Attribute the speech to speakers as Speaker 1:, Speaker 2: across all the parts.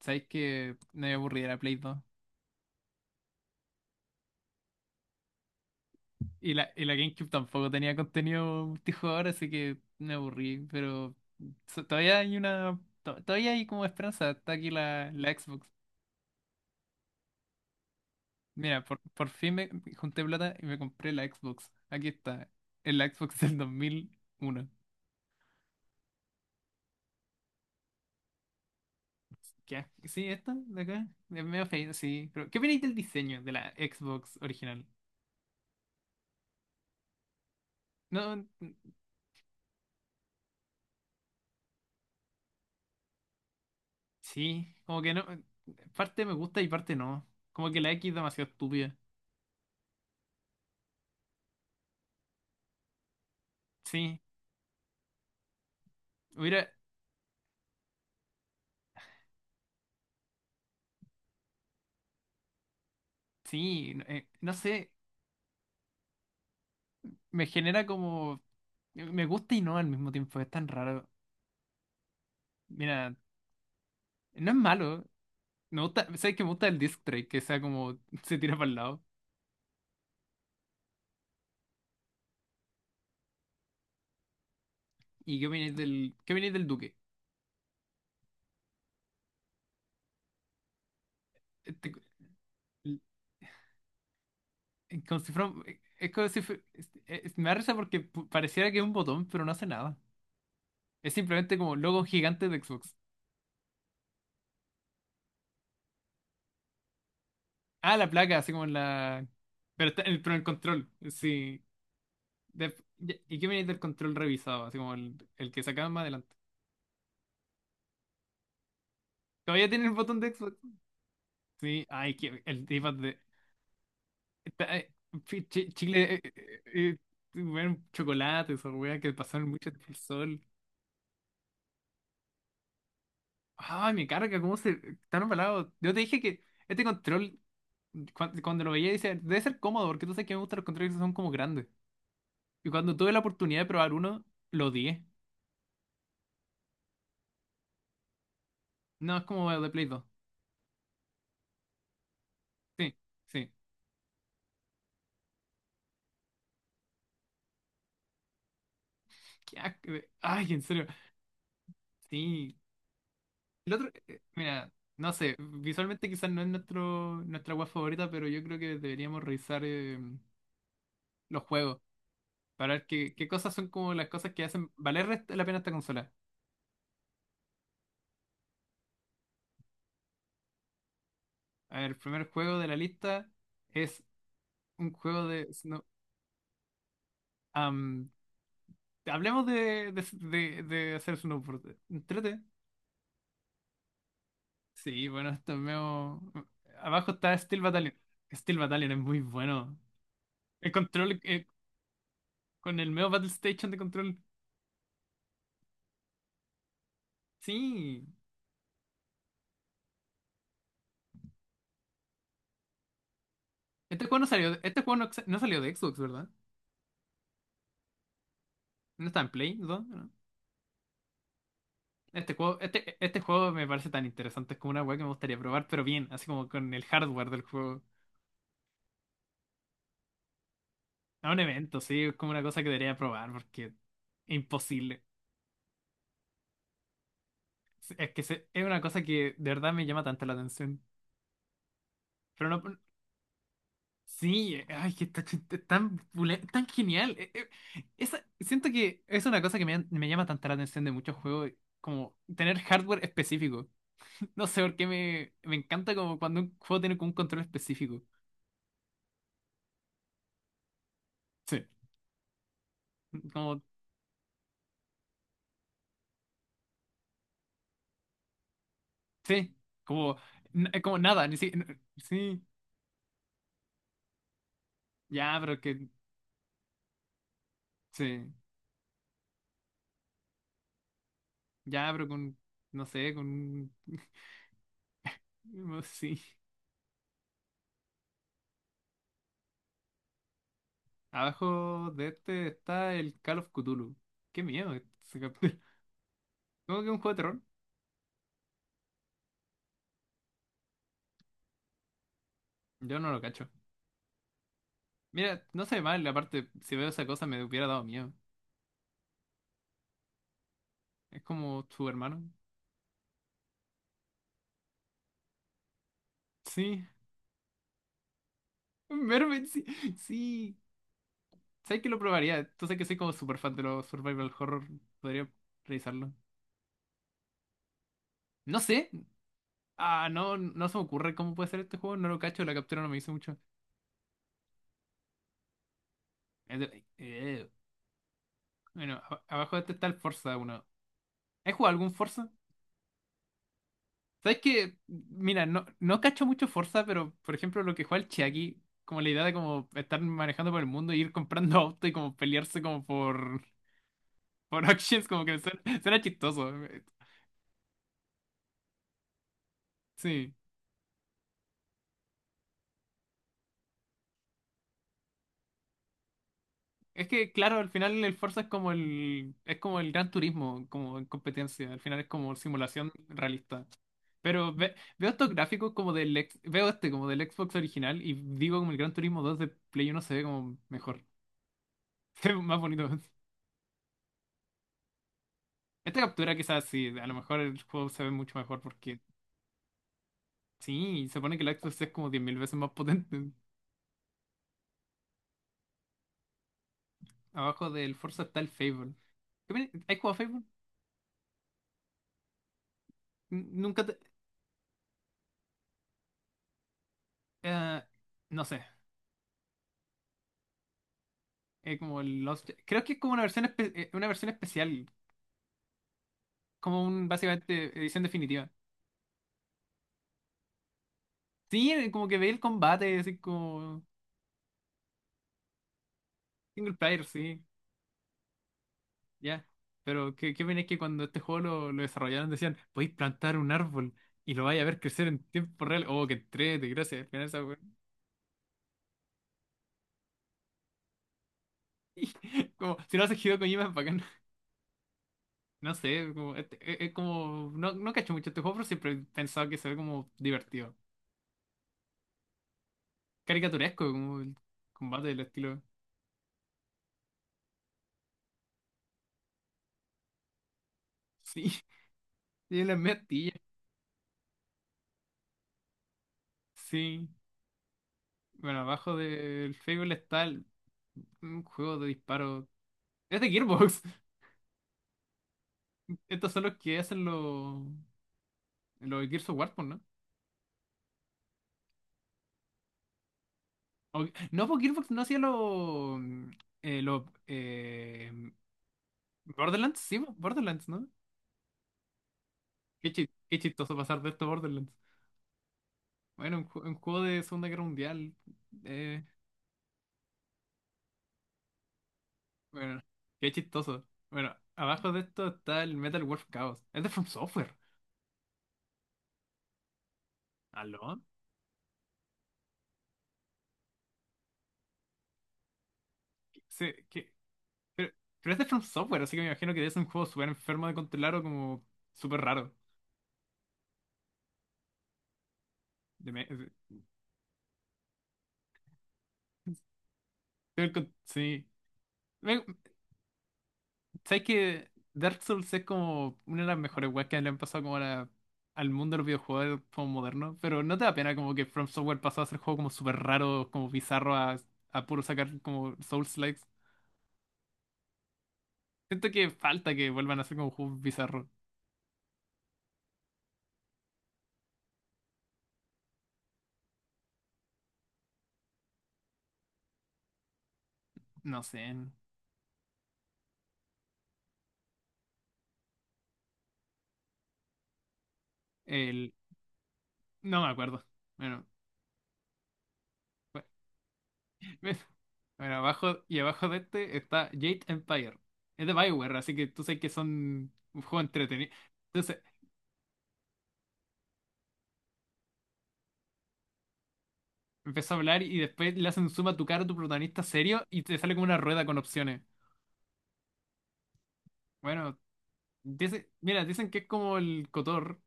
Speaker 1: ¿Sabéis que me aburrí de la Play 2? Y la GameCube tampoco tenía contenido multijugador, así que me aburrí. Pero todavía hay una. Todavía hay como esperanza. Está aquí la Xbox. Mira, por fin me junté plata y me compré la Xbox. Aquí está. Es la Xbox del 2001. ¿Qué? Sí, esta de acá. Es medio feita, sí. Pero, ¿qué opináis del diseño de la Xbox original? No, sí. Como que no. Parte me gusta y parte no. Como que la X es demasiado estúpida. Sí, hubiera, sí, no no sé, me genera como, me gusta y no al mismo tiempo, es tan raro. Mira, no es malo, me gusta, sabes que me gusta el disc track, que sea como, se tira para el lado. ¿Y qué opináis del Duque? Este, el- como si fuera, es como si fue- es- me da risa porque pareciera que es un botón, pero no hace nada. Es simplemente como logo gigante de Xbox. Ah, la placa, así como en la, pero está, el, pero el control, sí. de- ¿Y qué viene del control revisado? Así como el que sacaban más adelante. ¿Todavía tiene el botón de Xbox? Sí, ay, que el d de. Está, Chile, eh, bueno, chocolate, esa weá que pasaron mucho tiempo al sol. Ay, me carga, cómo se. Están embalados. Yo te dije que este control, cuando, lo veía, dice, debe ser cómodo, porque tú sabes que me gustan los controles que son como grandes. Y cuando tuve la oportunidad de probar uno, lo odié. No, es como el de Play 2. Sí, sí. Qué asco. Ay, en serio. Sí. El otro, mira, no sé, visualmente quizás no es nuestra web favorita, pero yo creo que deberíamos revisar los juegos para ver qué cosas son como las cosas que hacen valer la pena esta consola. A ver, el primer juego de la lista es un juego de am, hablemos de, hacer snowboard. Entrete. Sí, bueno, esto es medio. Abajo está Steel Battalion. Steel Battalion es muy bueno. El control con el medio Battle Station de control. Sí. Este juego no salió, este juego no, no salió de Xbox, ¿verdad? No está en Play, ¿no? No. Este juego, este juego me parece tan interesante, es como una weá que me gustaría probar, pero bien, así como con el hardware del juego. A un evento, sí, es como una cosa que debería probar, porque imposible. Sí, es que es una cosa que de verdad me llama tanto la atención. Pero no, sí, ay, que está tan, tan genial. Siento que es una cosa que me llama tanto la atención de muchos juegos, como tener hardware específico. No sé por qué me encanta como cuando un juego tiene como un control específico. Sí, como, sí, como, como nada, ni si, sí, ya, pero que, sí, ya, pero con, no sé, con, sí. Abajo de este está el Call of Cthulhu. Qué miedo ese capítulo. ¿Cómo que un juego de terror? Yo no lo cacho. Mira, no sé mal, aparte, si veo esa cosa me hubiera dado miedo. Es como su hermano. Sí, Mermaid, sí, sí. ¿Sabes que lo probaría? Tú sabes que soy como súper fan de los survival horror. Podría revisarlo. No sé. Ah, no, no se me ocurre cómo puede ser este juego. No lo cacho, la captura no me hizo mucho. Es de- eh, Bueno, abajo de este está el Forza uno. ¿Has jugado algún Forza? ¿Sabes que mira, no, no cacho mucho Forza, pero por ejemplo lo que juega el Chiaki, como la idea de como estar manejando por el mundo y ir comprando auto y como pelearse como por, auctions, como que suena chistoso. Sí. Es que, claro, al final el Forza es como el, Gran Turismo, como en competencia. Al final es como simulación realista. Pero veo estos gráficos como del, veo este como del Xbox original y digo como el Gran Turismo 2 de Play Uno se ve como mejor. Se ve más bonito. Esta captura quizás sí, a lo mejor el juego se ve mucho mejor porque sí, se pone que el Xbox es como 10.000 veces más potente. Abajo del Forza está el Fable. ¿Has jugado Fable? Nunca te. eh, no sé. Creo que es como una versión especial, como un básicamente edición definitiva. Sí, como que veía el combate, así como single player, sí, ya. Pero qué pena es que cuando este juego lo desarrollaron decían, podéis plantar un árbol y lo vais a ver crecer en tiempo real. Oh, qué entrete, gracias. Al final esa Como, si lo haces Hideo Kojima es bacán. No sé, como, es como, no, no cacho mucho este juego, pero siempre he pensado que se ve como divertido. Caricaturesco, como el combate del estilo. Sí. Tiene las metillas. Sí, bueno, abajo del Fable está un juego de disparo. Es de Gearbox. Estos son los que hacen los Gears of War, pues, ¿no? O- no, pues Gearbox no hacía los Borderlands, sí, pues, Borderlands, ¿no? Qué chistoso pasar de esto a Borderlands. Bueno, un juego de Segunda Guerra Mundial. eh, bueno, qué chistoso. Bueno, abajo de esto está el Metal Wolf Chaos. Es de From Software. ¿Aló? Sí, Pero, pero este es de From Software, así que me imagino que debe ser un juego súper enfermo de controlar o como súper raro. De me- de- con- sí. Me- ¿Sabes que Dark Souls es como una de las mejores weas que le han pasado como al mundo de los videojuegos como moderno? Pero ¿no te da pena como que From Software pasó a ser juego como súper raro, como bizarro, a puro sacar como Souls-likes? Siento que falta que vuelvan a ser como juegos bizarros. No sé. El... No me acuerdo. Bueno. Bueno, abajo y abajo de este está Jade Empire. Es de BioWare, así que tú sabes que son un juego entretenido. Entonces, empezó a hablar y después le hacen zoom a tu cara a tu protagonista serio y te sale como una rueda con opciones. Bueno, dice, mira, dicen que es como el Cotor.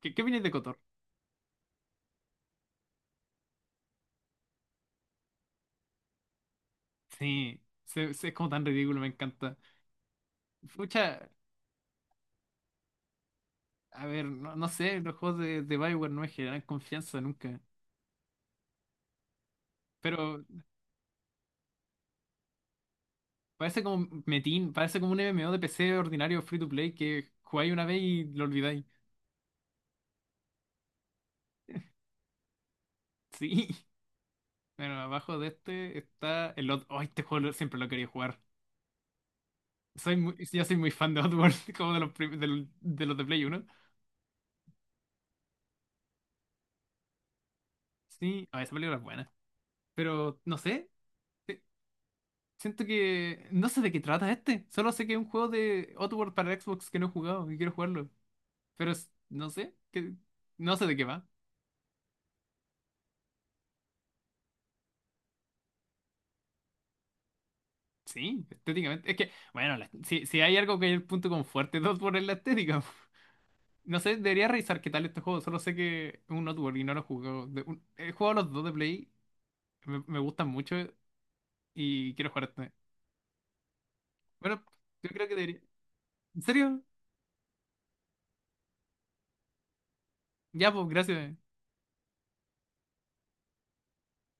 Speaker 1: ¿Qué opinas de Cotor? Sí, es como tan ridículo, me encanta. Pucha, a ver, no, no sé, los juegos de BioWare no me generan confianza nunca. Pero parece como Metin, parece como un MMO de PC ordinario free to play que jugáis una vez y lo olvidáis. Sí. Bueno, abajo de este está el otro. Oh, este juego siempre lo quería jugar. Yo soy muy fan de Oddworld, como de los de Play uno. Sí, ah, esa película es buena. Pero no sé, eh, siento que. No sé de qué trata este. Solo sé que es un juego de Oddworld para Xbox que no he jugado y quiero jugarlo. Pero no sé, que, no sé de qué va. Sí, estéticamente. Es que, bueno, si, hay algo que es el punto con fuerte dos por es la estética. No sé, debería revisar qué tal este juego. Solo sé que es un Outward y no lo he jugado. He jugado los dos de Play. Me gustan mucho y quiero jugar este. Bueno, yo creo que debería. ¿En serio? Ya, pues, gracias.